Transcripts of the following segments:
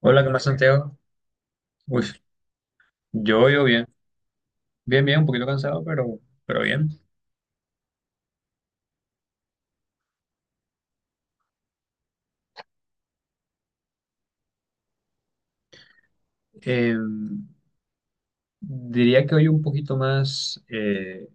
Hola, ¿qué más, Santiago? Uy, yo bien, bien, bien, un poquito cansado, pero bien. Eh, diría que hoy un poquito más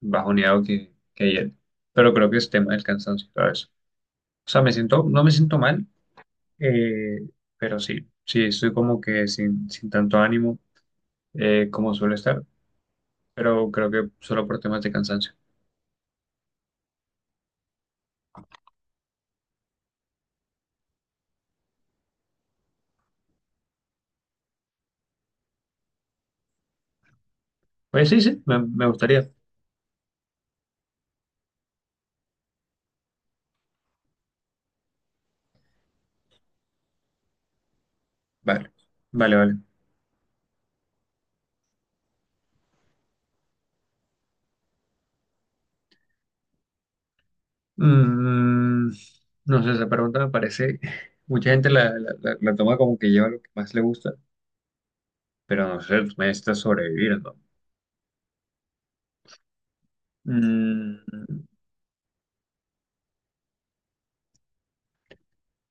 bajoneado que ayer, pero creo que es tema del cansancio, ¿sabes? O sea, me siento, no me siento mal, eh, pero sí, sí, estoy como que sin tanto ánimo como suelo estar, pero creo que solo por temas de cansancio. Pues sí, sí, me gustaría. Vale, vale, vale. Mm, no sé, esa pregunta me parece, mucha gente la toma como que lleva lo que más le gusta, pero no sé, tú necesitas sobrevivir, ¿no? Mm,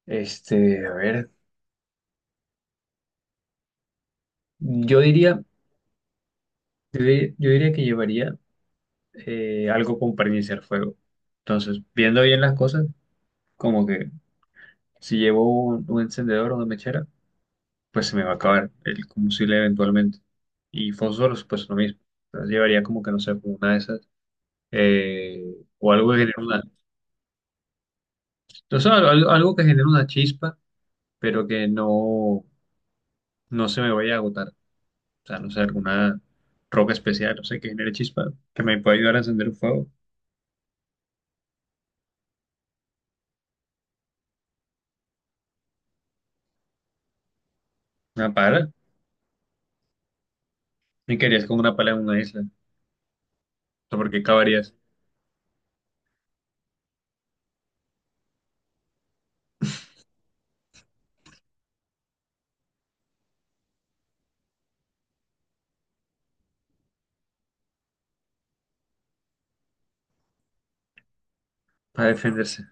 este, a ver, yo diría, yo diría que llevaría algo como para iniciar fuego. Entonces, viendo bien las cosas, como que si llevo un encendedor o una mechera, pues se me va a acabar el combustible eventualmente. Y fósforos, pues lo mismo. Entonces, llevaría como que, no sé, como una de esas. eh, o algo que genere una, entonces sea, algo, algo que genere una chispa, pero que no, no se me vaya a agotar. O sea, no sé, alguna roca especial, no sé, que genere chispa, que me pueda ayudar a encender un fuego. Una pala. ¿Y qué harías con una pala en una isla? O sea, ¿por qué cavarías para defenderse?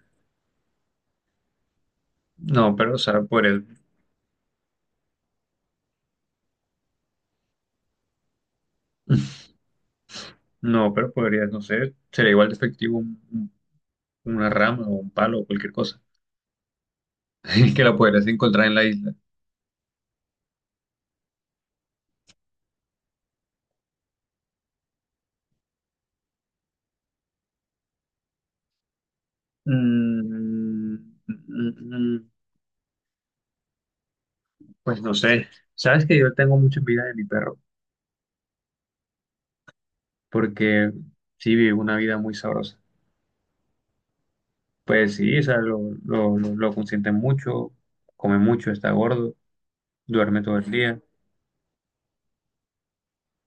No, pero, o sea, podrías, no, pero podrías, no sé, sería igual de efectivo una rama o un palo o cualquier cosa que la podrías encontrar en la isla. Mm, mm, mm, pues no sé, sabes que yo tengo mucha envidia de mi perro, porque sí vive una vida muy sabrosa. Pues sí, o sea, lo consienten mucho, come mucho, está gordo, duerme todo el día.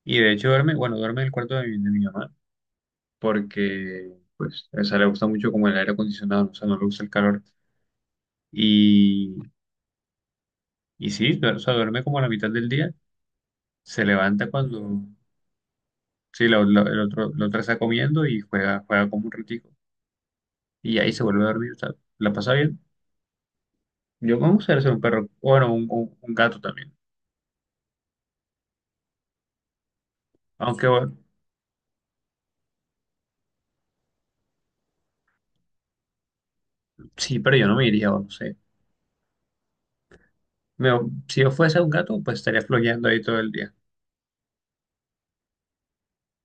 Y de hecho duerme, bueno, duerme en el cuarto de de mi mamá, porque pues o sea le gusta mucho como el aire acondicionado, o sea, no le gusta el calor. Y, y sí, o sea, duerme como a la mitad del día, se levanta cuando, sí, el otro, la otra está comiendo y juega, juega como un ratico. Y ahí se vuelve a dormir, o sea, la pasa bien. Yo me gustaría ser un perro, bueno, un gato también. Aunque bueno, sí, pero yo no me iría, o no sé. Me- si yo fuese un gato, pues estaría flojeando ahí todo el día.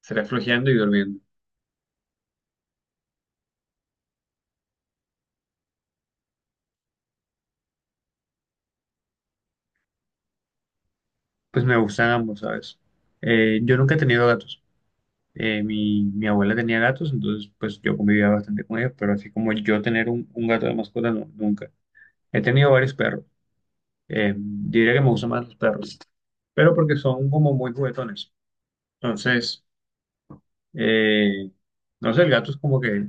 Estaría flojeando y durmiendo. Pues me gustan ambos, ¿sabes? Yo nunca he tenido gatos. Mi abuela tenía gatos, entonces pues yo convivía bastante con ellos, pero así como yo tener un gato de mascota, no, nunca. He tenido varios perros. Diría que me gustan más los perros, pero porque son como muy juguetones. Entonces, eh, no sé, el gato es como que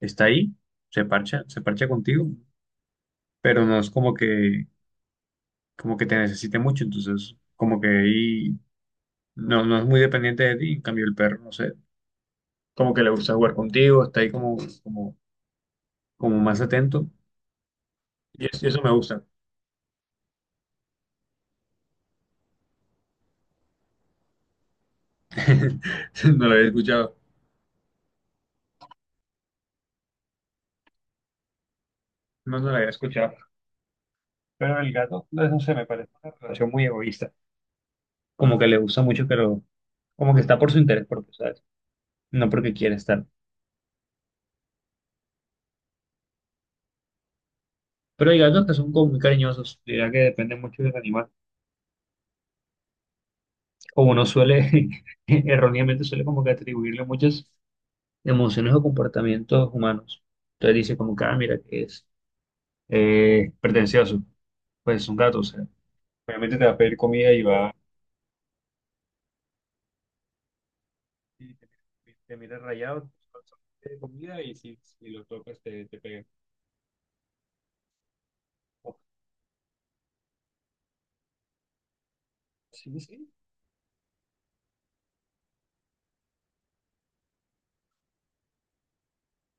está ahí, se parcha contigo, pero no es como que te necesite mucho, entonces como que ahí no, no es muy dependiente de ti, en cambio el perro, no sé, como que le gusta jugar contigo, está ahí como, como, como más atento, y y eso, me gusta. No lo había escuchado, no, no lo había escuchado. Pero el gato, no, no sé, me parece una relación muy egoísta. Como que le gusta mucho, pero como que está por su interés propio, ¿sabes? No porque quiere estar. Pero hay gatos que son como muy cariñosos. Diría que depende mucho del animal. O uno suele, erróneamente suele como que atribuirle muchas emociones o comportamientos humanos. Entonces dice como que, ah, mira, que es pretencioso, pues es un gato, o sea, obviamente te va a pedir comida y va, y te mira rayado, te pide comida y si, si lo tocas te pega. Oh, sí, sí,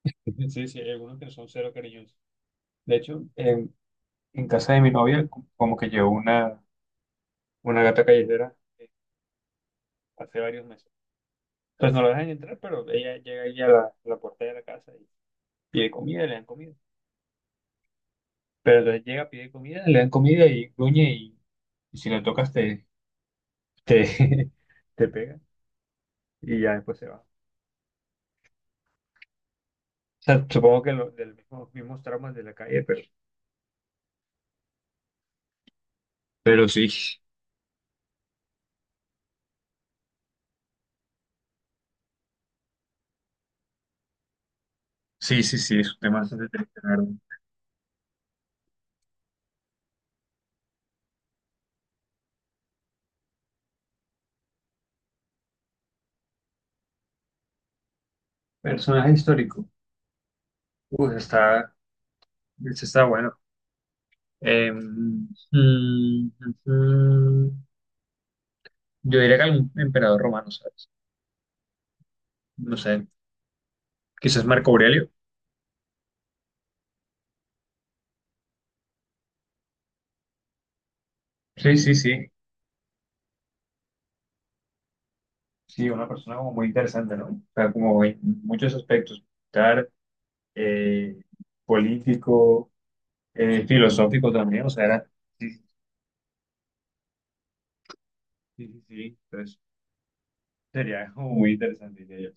sí, sí, hay algunos que son cero cariñosos. De hecho, en casa de mi novia, como que llevo una gata callejera hace varios meses. Pues no lo dejan entrar, pero ella llega ahí a la puerta de la casa y pide comida, le dan comida. Pero entonces llega, pide comida, le dan comida y gruñe y si la tocas te, te pega y ya después se va. O sea, supongo que lo, de los mismos, mismos traumas de la calle, pero... Pero sí, sí, sí, sí, es un tema bastante triste, la verdad. Personaje histórico. Uy, está, ese está bueno. Mm, mm, yo diría que algún emperador romano, ¿sabes? No sé, quizás Marco Aurelio. Sí, sí, sí. Sí, una persona como muy interesante, ¿no? O sea, como en muchos aspectos, militar, eh, político, filosófico también, o sea, era... Sí, sí, sí, sí, entonces sería como muy interesante, diría yo.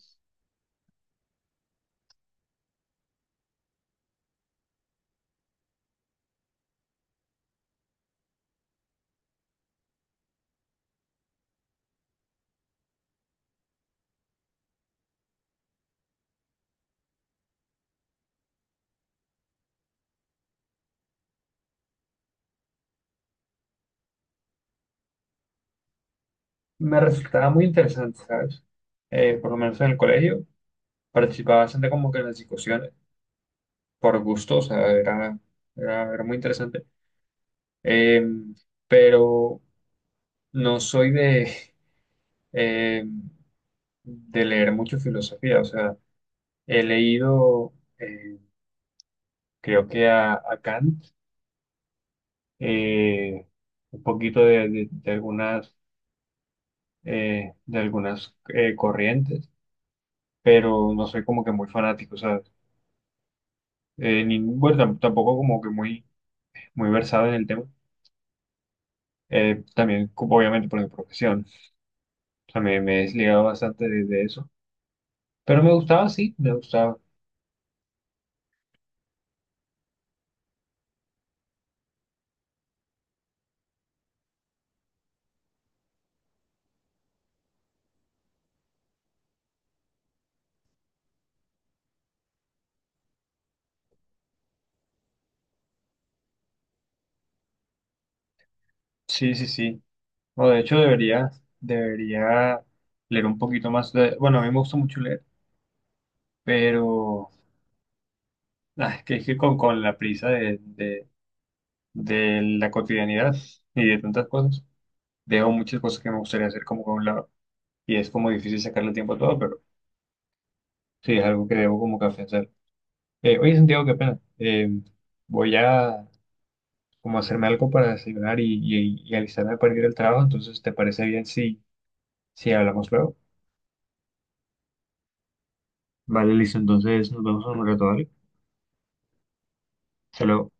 Me resultaba muy interesante, ¿sabes? Por lo menos en el colegio, participaba bastante como que en las discusiones, por gusto, o sea, era muy interesante. Eh, pero no soy eh, de leer mucho filosofía, o sea... He leído, eh, creo que a Kant, eh, un poquito de, de algunas corrientes, pero no soy como que muy fanático, ¿sabes? Ni, bueno, tampoco como que muy, muy versado en el tema. También, como obviamente, por mi profesión. También me he desligado bastante de eso. Pero me gustaba. Sí, sí, sí. No, de hecho, debería, debería leer un poquito más. Bueno, a mí me gusta mucho leer, pero... Ah, es que con la prisa de la cotidianidad y de tantas cosas, dejo muchas cosas que me gustaría hacer como con un lado. Y es como difícil sacarle tiempo a todo, pero sí, es algo que debo como que hacer. Oye, Santiago, qué pena. Voy a como hacerme algo para desayunar y alistarme para ir al trabajo, entonces, ¿te parece bien si, si hablamos luego? Vale, listo, entonces nos vemos en un rato, ¿vale? Hasta luego.